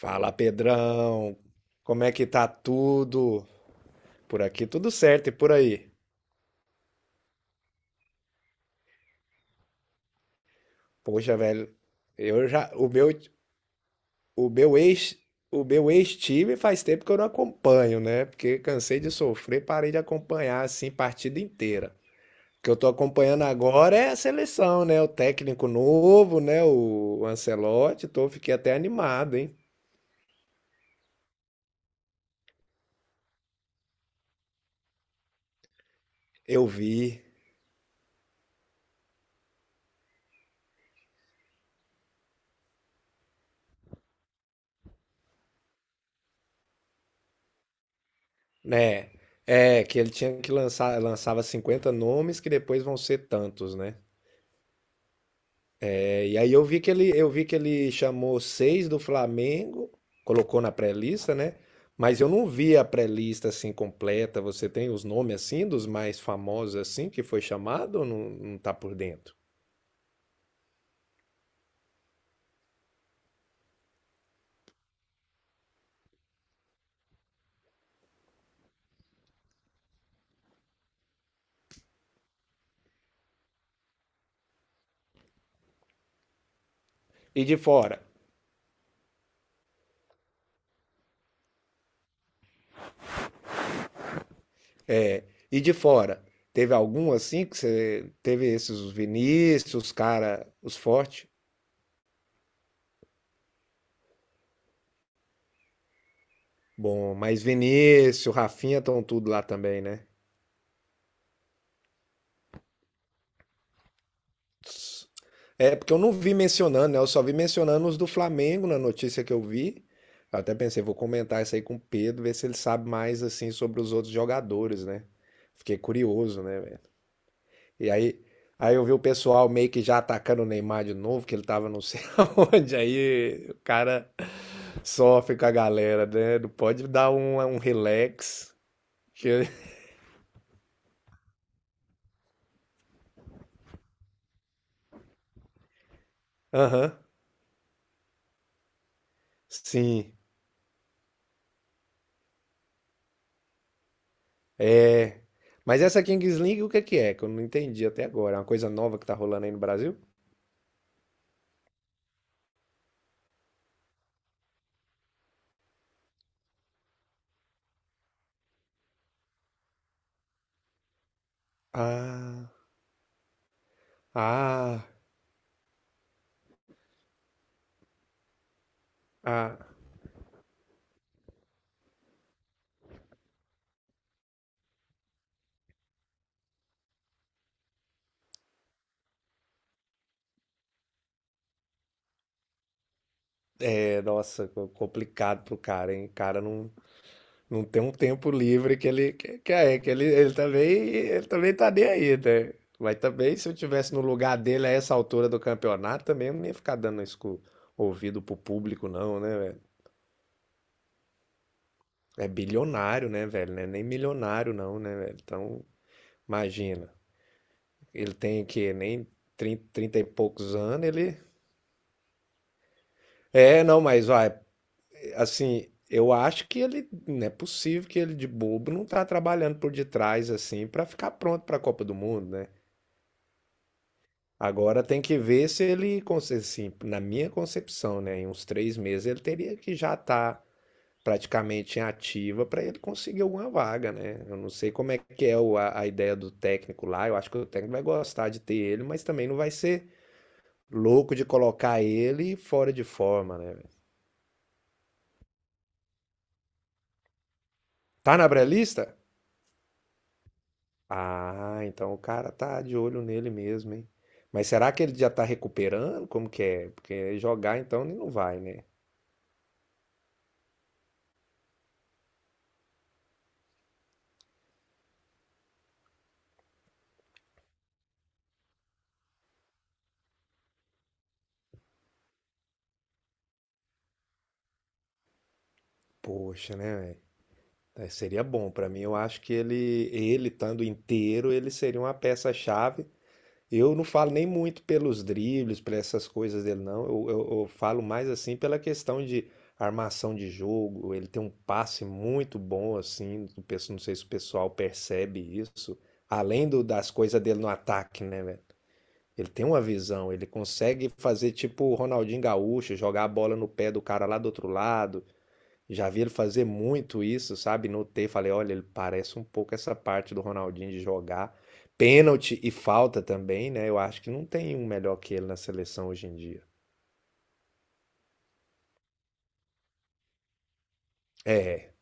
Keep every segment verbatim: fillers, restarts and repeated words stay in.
Fala, Pedrão. Como é que tá tudo? Por aqui tudo certo e por aí. Poxa, velho, eu já o meu o meu ex o meu ex-time faz tempo que eu não acompanho, né? Porque cansei de sofrer, parei de acompanhar assim partida inteira. O que eu tô acompanhando agora é a seleção, né? O técnico novo, né? O Ancelotti, tô fiquei até animado, hein? Eu vi, né? É, que ele tinha que lançar, lançava cinquenta nomes que depois vão ser tantos, né? É. E aí eu vi que ele, eu vi que ele chamou seis do Flamengo, colocou na pré-lista, né? Mas eu não vi a pré-lista assim completa. Você tem os nomes assim dos mais famosos assim que foi chamado ou não, não tá por dentro? E de fora? E de fora? Teve algum assim que você teve esses os Vinícius, os cara, os fortes? Bom, mas Vinícius, Rafinha estão tudo lá também, né? É, porque eu não vi mencionando, né? Eu só vi mencionando os do Flamengo na notícia que eu vi. Eu até pensei, vou comentar isso aí com o Pedro, ver se ele sabe mais assim sobre os outros jogadores, né? Fiquei curioso, né, velho? E aí, aí eu vi o pessoal meio que já atacando o Neymar de novo, que ele tava não sei aonde. Aí o cara sofre com a galera, né? Não pode dar um, um relax. Que... Aham, sim. Mas essa Kings League, o que que é? Que eu não entendi até agora. É uma coisa nova que tá rolando aí no Brasil? Ah, ah, ah. É, nossa, co- complicado pro cara, hein? O cara não, Não tem um tempo livre que ele que, que é, que ele, ele também ele também tá nem aí, né? Mas também se eu tivesse no lugar dele a essa altura do campeonato, também eu não ia ficar dando isso ouvido pro público não, né, velho? É bilionário, né, velho? Não é nem milionário não, né, velho? Então, imagina. Ele tem que nem trinta 30 e poucos anos, ele. É, não, mas vai, Assim, eu acho que ele, não é possível que ele de bobo não tá trabalhando por detrás assim para ficar pronto para a Copa do Mundo, né? Agora tem que ver se ele, conse- assim, na minha concepção, né, em uns três meses ele teria que já estar praticamente em ativa para ele conseguir alguma vaga, né? Eu não sei como é que é o- a, a ideia do técnico lá. Eu acho que o técnico vai gostar de ter ele, mas também não vai ser louco de colocar ele fora de forma, né? Tá na pré-lista? Ah, então o cara tá de olho nele mesmo, hein? Mas será que ele já tá recuperando? Como que é? Porque jogar então ele não vai, né? Poxa, né, velho? É, seria bom pra mim. Eu acho que ele, ele estando inteiro, ele seria uma peça-chave. Eu não falo nem muito pelos dribles, por essas coisas dele, não. Eu, eu, eu falo mais assim pela questão de armação de jogo. Ele tem um passe muito bom, assim. Do pe- não sei se o pessoal percebe isso. Além do- das coisas dele no ataque, né, velho? Ele tem uma visão, ele consegue fazer tipo o Ronaldinho Gaúcho, jogar a bola no pé do cara lá do outro lado. Já vi ele fazer muito isso, sabe? Notei, falei, olha, ele parece um pouco essa parte do Ronaldinho de jogar. Pênalti e falta também, né? Eu acho que não tem um melhor que ele na seleção hoje em dia. É,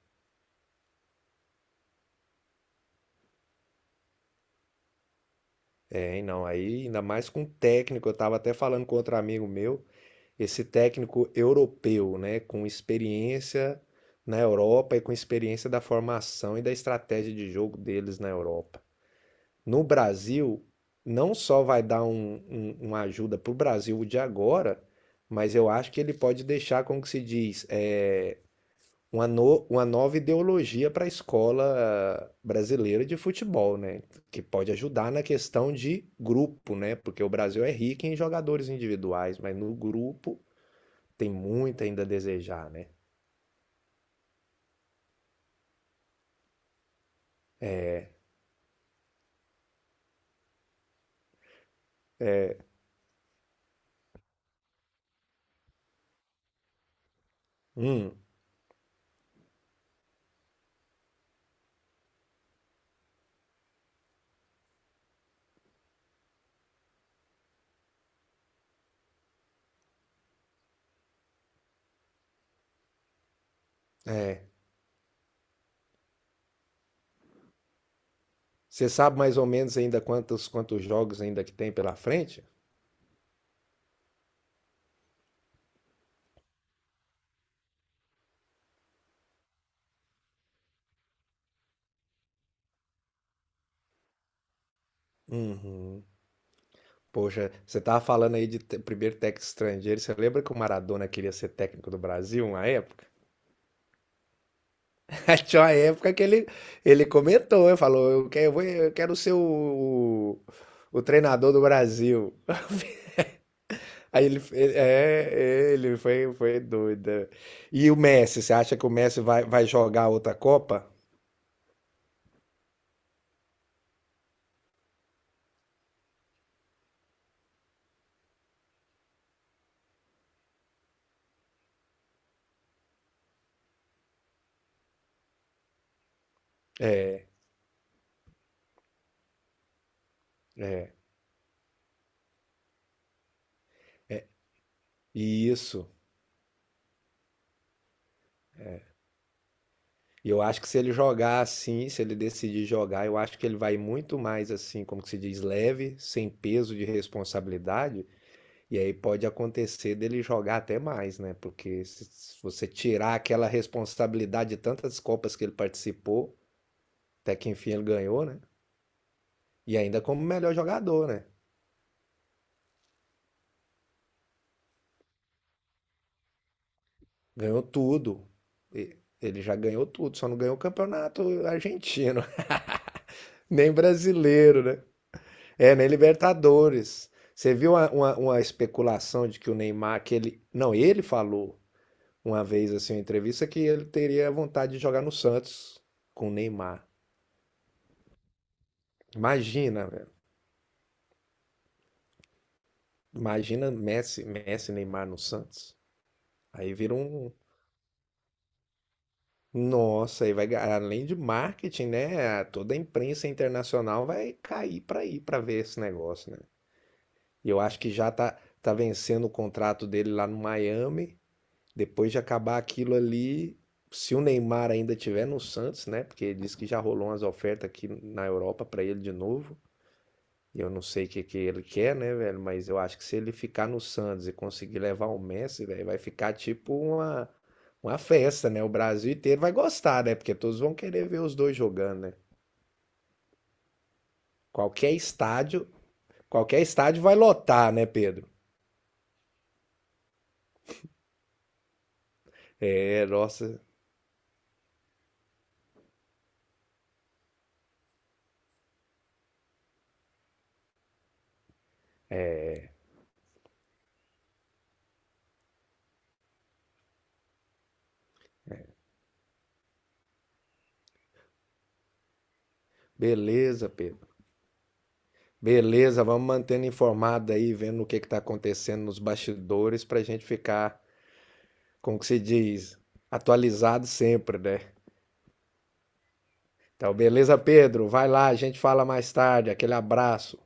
é, hein, não. Aí, ainda mais com técnico, eu tava até falando com outro amigo meu. Esse técnico europeu, né, com experiência na Europa e com experiência da formação e da estratégia de jogo deles na Europa. No Brasil, não só vai dar um- um- uma ajuda para o Brasil de agora, mas eu acho que ele pode deixar, como que se diz, é, uma, no- uma nova ideologia para a escola brasileira de futebol, né? Que pode ajudar na questão de grupo, né? Porque o Brasil é rico em jogadores individuais, mas no grupo tem muito ainda a desejar, né? Hum, é. Você sabe mais ou menos ainda quantos quantos jogos ainda que tem pela frente? Uhum. Poxa, você tava falando aí de te- primeiro técnico estrangeiro. Você lembra que o Maradona queria ser técnico do Brasil uma época? Tinha uma época que ele, ele comentou, ele falou, eu quero, eu vou- eu quero ser o, o treinador do Brasil. Aí ele, ele- é, ele foi, foi doido. E o Messi, você acha que o Messi vai, vai jogar outra Copa? É, é. Isso. E eu acho que se ele jogar assim, se ele decidir jogar, eu acho que ele vai muito mais assim, como que se diz, leve, sem peso de responsabilidade. E aí pode acontecer dele jogar até mais, né? Porque se se você tirar aquela responsabilidade de tantas Copas que ele participou, até que enfim ele ganhou, né? E ainda como melhor jogador, né? Ganhou tudo. E- Ele já ganhou tudo, só não ganhou o campeonato argentino, nem brasileiro, né? É, na Libertadores. Você viu uma, uma, uma especulação de que o Neymar, que ele. Não, ele falou uma vez assim, em entrevista, que ele teria vontade de jogar no Santos com o Neymar. Imagina, velho. Imagina Messi, Messi, e Neymar no Santos. Aí vira um. Nossa, aí vai ga- além de marketing, né? Toda a imprensa internacional vai cair pra ir pra ver esse negócio, né? E eu acho que já tá, tá vencendo o contrato dele lá no Miami. Depois de acabar aquilo ali, se o Neymar ainda tiver no Santos, né? Porque ele disse que já rolou umas ofertas aqui na Europa para ele de novo. Eu não sei o que que ele quer, né, velho? Mas eu acho que se ele ficar no Santos e conseguir levar o Messi, velho, vai ficar tipo uma, uma festa, né? O Brasil inteiro vai gostar, né? Porque todos vão querer ver os dois jogando, né? Qualquer estádio, qualquer estádio vai lotar, né, Pedro? É, nossa, beleza, Pedro. Beleza, vamos mantendo informado aí, vendo o que está acontecendo nos bastidores para a gente ficar, como que se diz, atualizado sempre, né? Então, beleza, Pedro? Vai lá, a gente fala mais tarde. Aquele abraço.